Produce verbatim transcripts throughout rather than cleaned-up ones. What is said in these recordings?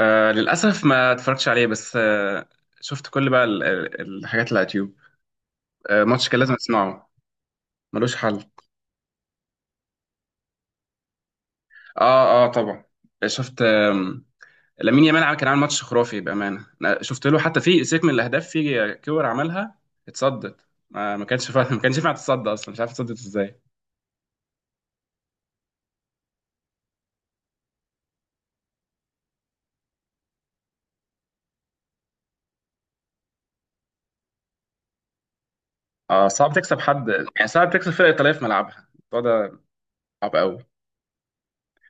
آه للأسف، ما اتفرجتش عليه، بس آه شفت كل بقى ال- ال- الحاجات اللي على اليوتيوب. آه ماتش كان لازم اسمعه، ملوش حل. اه، اه، طبعا. شفت آم، لامين يامال عمل- كان عامل ماتش خرافي، بأمانة، أنا شفت له حتى في سيك من الأهداف، في كور عملها اتصدت، ما ما كانش فا... ما كانش ينفع تتصدى أصلا، مش عارف اتصدت ازاي. اه، صعب تكسب حد، يعني صعب تكسب فرقة إيطالية في ملعبها، الموضوع ده صعب قوي.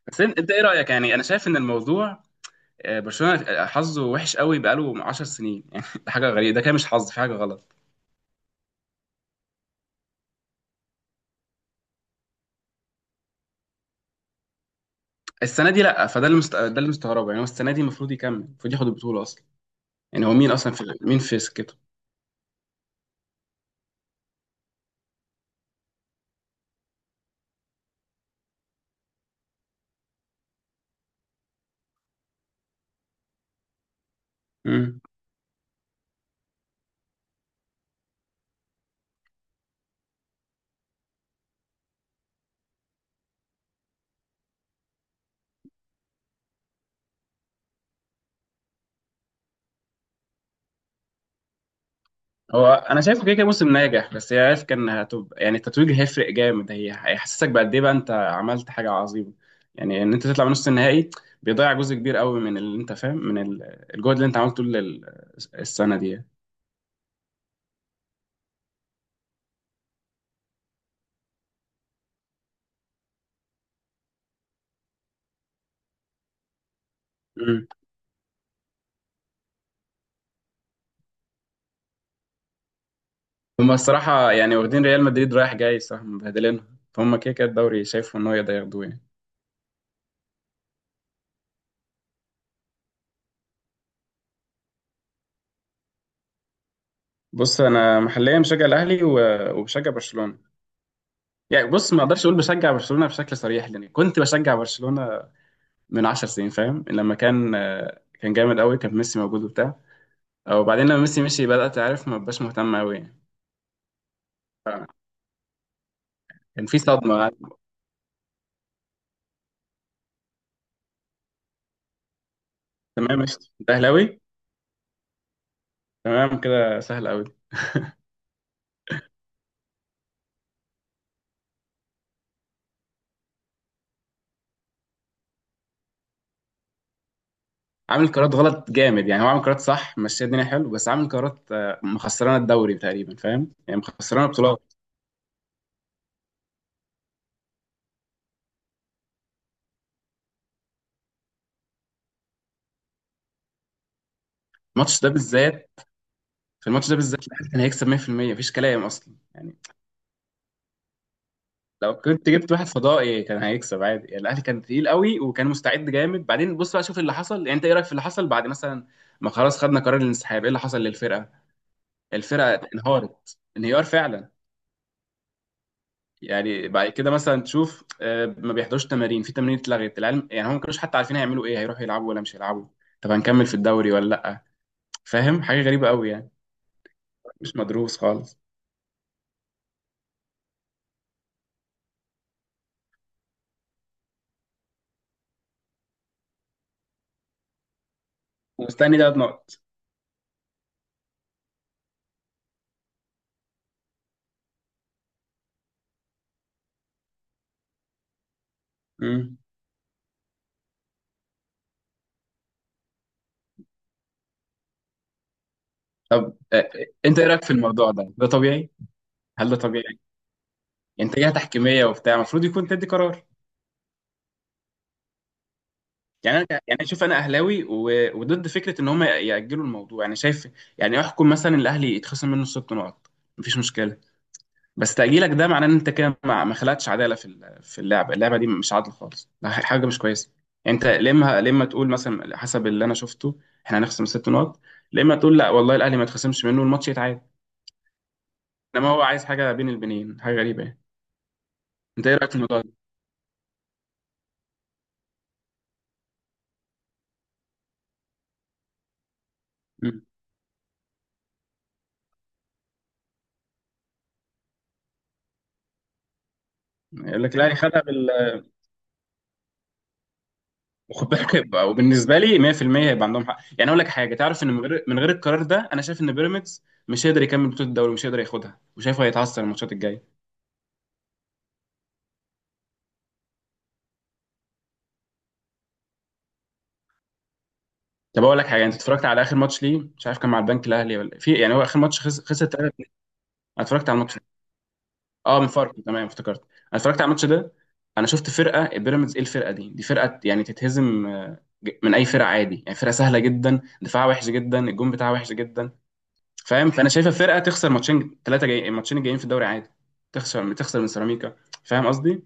بس انت إنت ايه رأيك؟ يعني انا شايف ان الموضوع، آه، برشلونه حظه وحش قوي بقاله 10 سنين، يعني ده حاجه غريبه، ده كده مش حظ، في حاجه غلط. السنه دي لا، فده اللي مست... ده اللي مستغربه، يعني هو السنه دي المفروض يكمل، المفروض ياخد البطوله اصلا. يعني هو مين اصلا في، مين في سكته؟ مم. هو انا شايفه كده كده موسم ناجح، بس هي عارف كان هتبقى، يعني التتويج هيفرق جامد، هي هيحسسك بقد ايه بقى انت عملت حاجه عظيمه. يعني ان انت تطلع من نص النهائي، بيضيع جزء كبير قوي من اللي انت فاهم، من ال- الجهد اللي انت عملته طول ال- السنه دي يعني. هما الصراحة يعني واخدين ريال مدريد رايح جاي، صح، مبهدلينها، فهم كده كده الدوري شايفه إن هو يقدر ياخدوه يعني. بص، أنا محليا بشجع الأهلي و- وبشجع برشلونة. يعني بص، ما أقدرش أقول بشجع برشلونة بشكل صريح، لأن كنت بشجع برشلونة من 10 سنين، فاهم. لما كان آه، كان جامد قوي، كان ميسي موجود وبتاع، وبعدين لما ميسي مشي بدأت أعرف ما بقاش مهتم قوي يعني، كان في صدمة. تمام، ماشي، أنت أهلاوي. تمام، كده سهل قوي. عامل قرارات غلط جامد يعني، هو عامل قرارات صح مشي الدنيا حلو، بس عامل قرارات آه، مخسرانه الدوري تقريبا، فاهم، يعني مخسرانه بطولات. الماتش ده بالذات في الماتش ده بالذات الاهلي كان هيكسب مية في المية، مفيش كلام اصلا يعني. لو كنت جبت واحد فضائي كان هيكسب عادي يعني. الاهلي كان تقيل قوي وكان مستعد جامد. بعدين بص بقى، شوف اللي حصل، يعني انت ايه رايك في اللي حصل بعد مثلا ما خلاص خدنا قرار الانسحاب؟ ايه اللي حصل للفرقه؟ الفرقه انهارت انهيار فعلا، يعني بعد كده مثلا تشوف آه، ما بيحضروش تمارين، في تمارين اتلغت العلم، يعني هم ما كانوش حتى عارفين هيعملوا ايه، هيروحوا يلعبوا ولا مش هيلعبوا، طب هنكمل في الدوري ولا لا؟ فاهم، حاجه غريبه قوي يعني، مش مدروس خالص. مستني ثلاث نقط. مم. طب آه، آه، انت ايه رايك في الموضوع ده؟ ده طبيعي؟ هل ده طبيعي؟ انتاجيه تحكيميه وبتاع، المفروض يكون تدي قرار. يعني انا يعني شوف، انا اهلاوي و- وضد فكره ان هم ياجلوا الموضوع، يعني شايف، يعني احكم مثلا الاهلي يتخصم منه ست نقط، مفيش مشكله. بس تأجيلك ده معناه ان انت كده ما ما خلقتش عدالة في ال- في اللعبة. اللعبة دي مش عادلة خالص، ده ح- حاجة مش كويسة. يعني انت لما لما تقول مثلا حسب اللي انا شفته، احنا هنخصم ست نقط، لما تقول لا والله الاهلي ما يتخصمش منه، الماتش يتعاد، انما هو عايز حاجة بين البنين، حاجة غريبة يعني. انت ايه رأيك في الموضوع ده؟ مم. يقول لك الاهلي خدها بال خد بالك، يبقى- وبالنسبة لي مية في المية هيبقى عندهم حق يعني. اقول لك حاجة، تعرف ان من غير من غير القرار ده، انا شايف ان بيراميدز مش هيقدر يكمل بطولة الدوري ومش هيقدر ياخدها، وشايفه هيتعثر الماتشات الجاية. طب اقول لك حاجه، انت اتفرجت على اخر ماتش ليه؟ مش عارف كان مع البنك الاهلي ولا في، يعني هو اخر ماتش خسر خسر تلاتة. انا اتفرجت على الماتش ده. اه، من فاركو، تمام، افتكرت انا اتفرجت على الماتش ده. انا شفت فرقه بيراميدز، ايه الفرقه دي؟ دي فرقه يعني تتهزم آه، ج- من اي فرقه عادي، يعني فرقه سهله جدا، دفاعها وحش جدا، الجون بتاعها وحش جدا. فاهم، فانا شايفه فرقه تخسر ماتشين تلاتة جاي، الماتشين الجايين في الدوري عادي تخسر تخسر من سيراميكا، فاهم قصدي.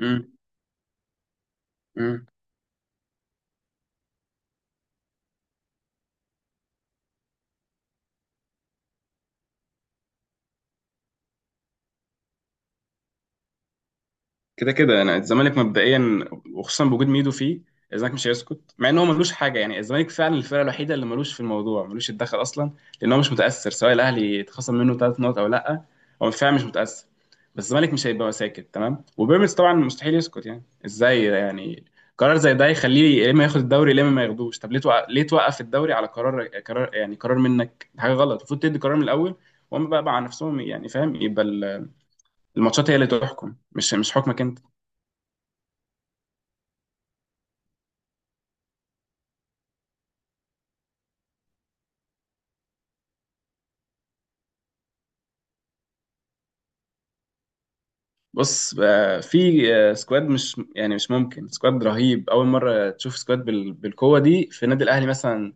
امم، امم. كده كده يعني الزمالك مبدئيا، وخصوصا بوجود ميدو فيه، الزمالك مش هيسكت مع ان هو ملوش حاجه، يعني الزمالك فعلا الفرقه الوحيده اللي ملوش في الموضوع، ملوش يتدخل اصلا، لان هو مش متاثر سواء الاهلي اتخصم منه ثلاث نقط او لا، هو فعلا مش متاثر. بس الزمالك مش هيبقى ساكت تمام، وبيراميدز طبعا مستحيل يسكت، يعني ازاي ده يعني؟ قرار زي ده يخليه يا اما ياخد الدوري يا اما ما ياخدوش، طب ليه توقف، ليه توقف الدوري على قرار قرار، يعني قرار منك، دي حاجه غلط، المفروض تدي قرار من الاول. وهم بقى مع نفسهم يعني، فاهم، يبقى ال- الماتشات هي اللي تحكم، مش مش حكمك انت. بص، آه، في آه، سكواد، مش يعني مش ممكن، سكواد رهيب، اول مره تشوف سكواد بال- بالقوه دي في النادي الاهلي مثلا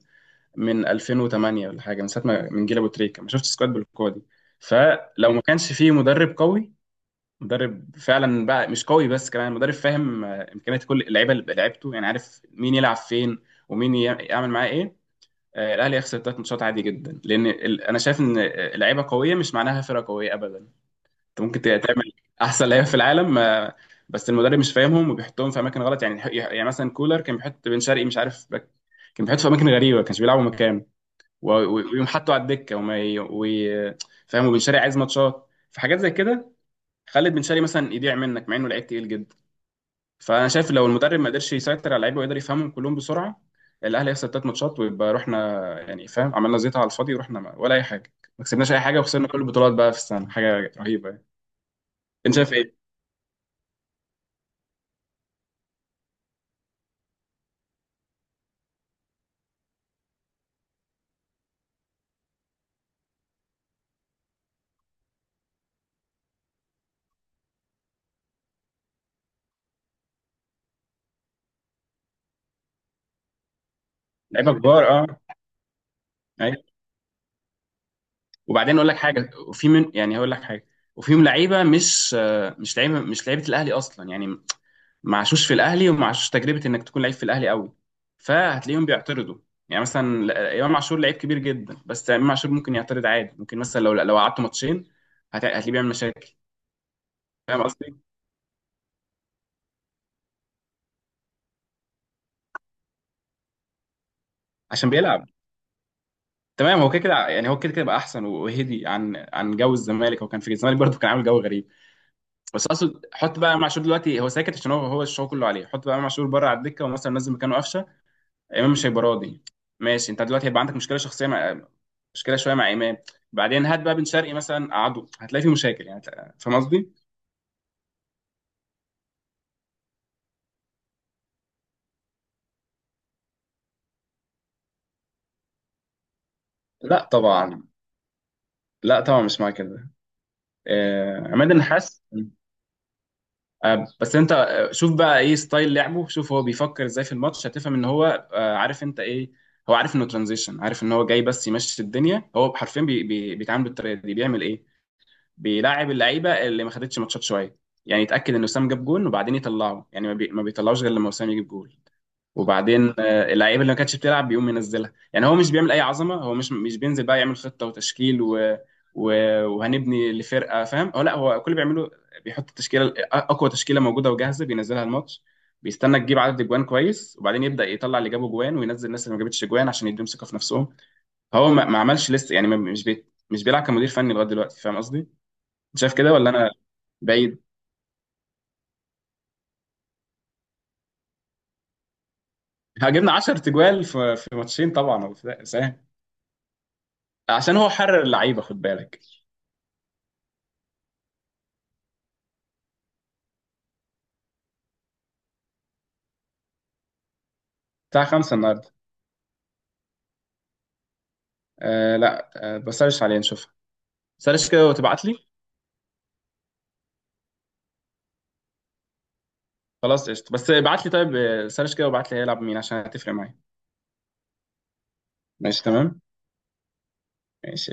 من ألفين وتمانية ولا حاجه، من ساعه ما من جيل ابو تريكه ما شفتش سكواد بالقوه دي. فلو ما كانش فيه مدرب قوي، مدرب فعلا بقى مش قوي بس كمان مدرب فاهم آه، امكانيات كل اللعيبه اللي لعبته، يعني عارف مين يلعب فين، ومين يع- يعمل معاه ايه. آه، الاهلي يخسر ثلاث ماتشات عادي جدا، لان ال- انا شايف ان آه، لعيبه قويه مش معناها فرقه قويه ابدا. انت ممكن تعمل احسن لعيبه في العالم آه، بس المدرب مش فاهمهم وبيحطهم في اماكن غلط، يعني يعني مثلا كولر كان بيحط بن شرقي مش عارف باك- كان بيحط في اماكن غريبه ما كانش بيلعبوا مكانه، و- و- ويقوم حاطه على الدكه وما ي... وي... فاهم، وبن شرقي عايز ماتشات فحاجات زي كده، خلت بن شرقي مثلا يضيع منك مع انه لعيب تقيل جدا. فانا شايف لو المدرب ما قدرش يسيطر على اللعيبه ويقدر يفهمهم كلهم بسرعه، الاهلي هيخسر ثلاث ماتشات، ويبقى رحنا يعني، فاهم، عملنا زيطه على الفاضي ورحنا ما- ولا اي حاجه، ما كسبناش اي حاجه وخسرنا كل البطولات بقى في السنه، حاجه رهيبه يعني. انت شايف ايه؟ لعيبه كبار، اه. ايوه. وبعدين اقول لك حاجه، وفي من يعني هقول لك حاجه، وفيهم لعيبه مش آه، مش لعيبه مش لعيبه الاهلي اصلا يعني، ما عاشوش في الاهلي وما عاشوش تجربه انك تكون لعيب في الاهلي قوي. فهتلاقيهم بيعترضوا، يعني مثلا لا- امام عاشور لعيب كبير جدا، بس امام عاشور ممكن يعترض عادي، ممكن مثلا لو لو قعدته ماتشين، هت- هتلاقيه بيعمل مشاكل، فاهم قصدي؟ عشان بيلعب. تمام، هو كده كده يعني، هو كده كده بقى احسن وهدي عن عن جو الزمالك، هو كان في الزمالك برضه كان عامل جو غريب. بس اقصد حط بقى امام عاشور دلوقتي هو ساكت عشان هو هو الشغل كله عليه، حط بقى امام عاشور بره على الدكه ومثلا نزل مكانه قفشه، امام مش هيبقى راضي. ماشي، انت دلوقتي هيبقى عندك مشكله شخصيه مع، مشكله شويه مع امام. بعدين هات بقى بن شرقي مثلا قعده، هتلاقي في مشاكل يعني، هتلاقي- فاهم قصدي؟ لا طبعا. لا طبعا، مش مع كده، آه، عماد النحاس. آه، بس انت، آه، شوف بقى ايه ستايل لعبه، شوف هو بيفكر ازاي في الماتش، هتفهم ان هو آه، عارف انت ايه، هو عارف انه ترانزيشن، عارف ان هو جاي بس يمشي الدنيا، هو حرفيا بي بي بيتعامل بالطريقه دي. بيعمل ايه؟ بيلاعب اللعيبه اللي ما خدتش ماتشات شويه، يعني يتاكد ان وسام جاب جون وبعدين يطلعه، يعني ما, بي... ما بيطلعوش غير لما وسام يجيب جول، وبعدين آه، اللعيبه اللي ما كانتش بتلعب بيقوم ينزلها، يعني هو مش بيعمل اي عظمه، هو مش مش بينزل بقى يعمل خطه وتشكيل و... و... وهنبني لفرقه، فاهم، هو لا، هو كل اللي بيعمله بيحط التشكيله اقوى تشكيله موجوده وجاهزه، بينزلها الماتش، بيستنى تجيب عدد اجوان كويس، وبعدين يبدا يطلع اللي جابوا جوان وينزل الناس اللي ما جابتش جوان عشان يديهم ثقه في نفسهم. فهو ما, ما عملش لسه يعني، ما... مش بي... مش بيلعب كمدير فني لغايه دلوقتي، فاهم قصدي. شايف كده ولا انا بعيد؟ هجبنا 10 تجوال في في ماتشين طبعا، هو في- سهل، عشان هو حرر اللعيبه، خد بالك. بتاع خمسة النهارده. آه لا، آه بسرش عليه نشوفها، سرش كده وتبعت لي. خلاص قشطه، بس ابعت لي، طيب، آه، سرش كده وابعت لي هيلعب مين عشان هتفرق معايا. ماشي، تمام، ماشي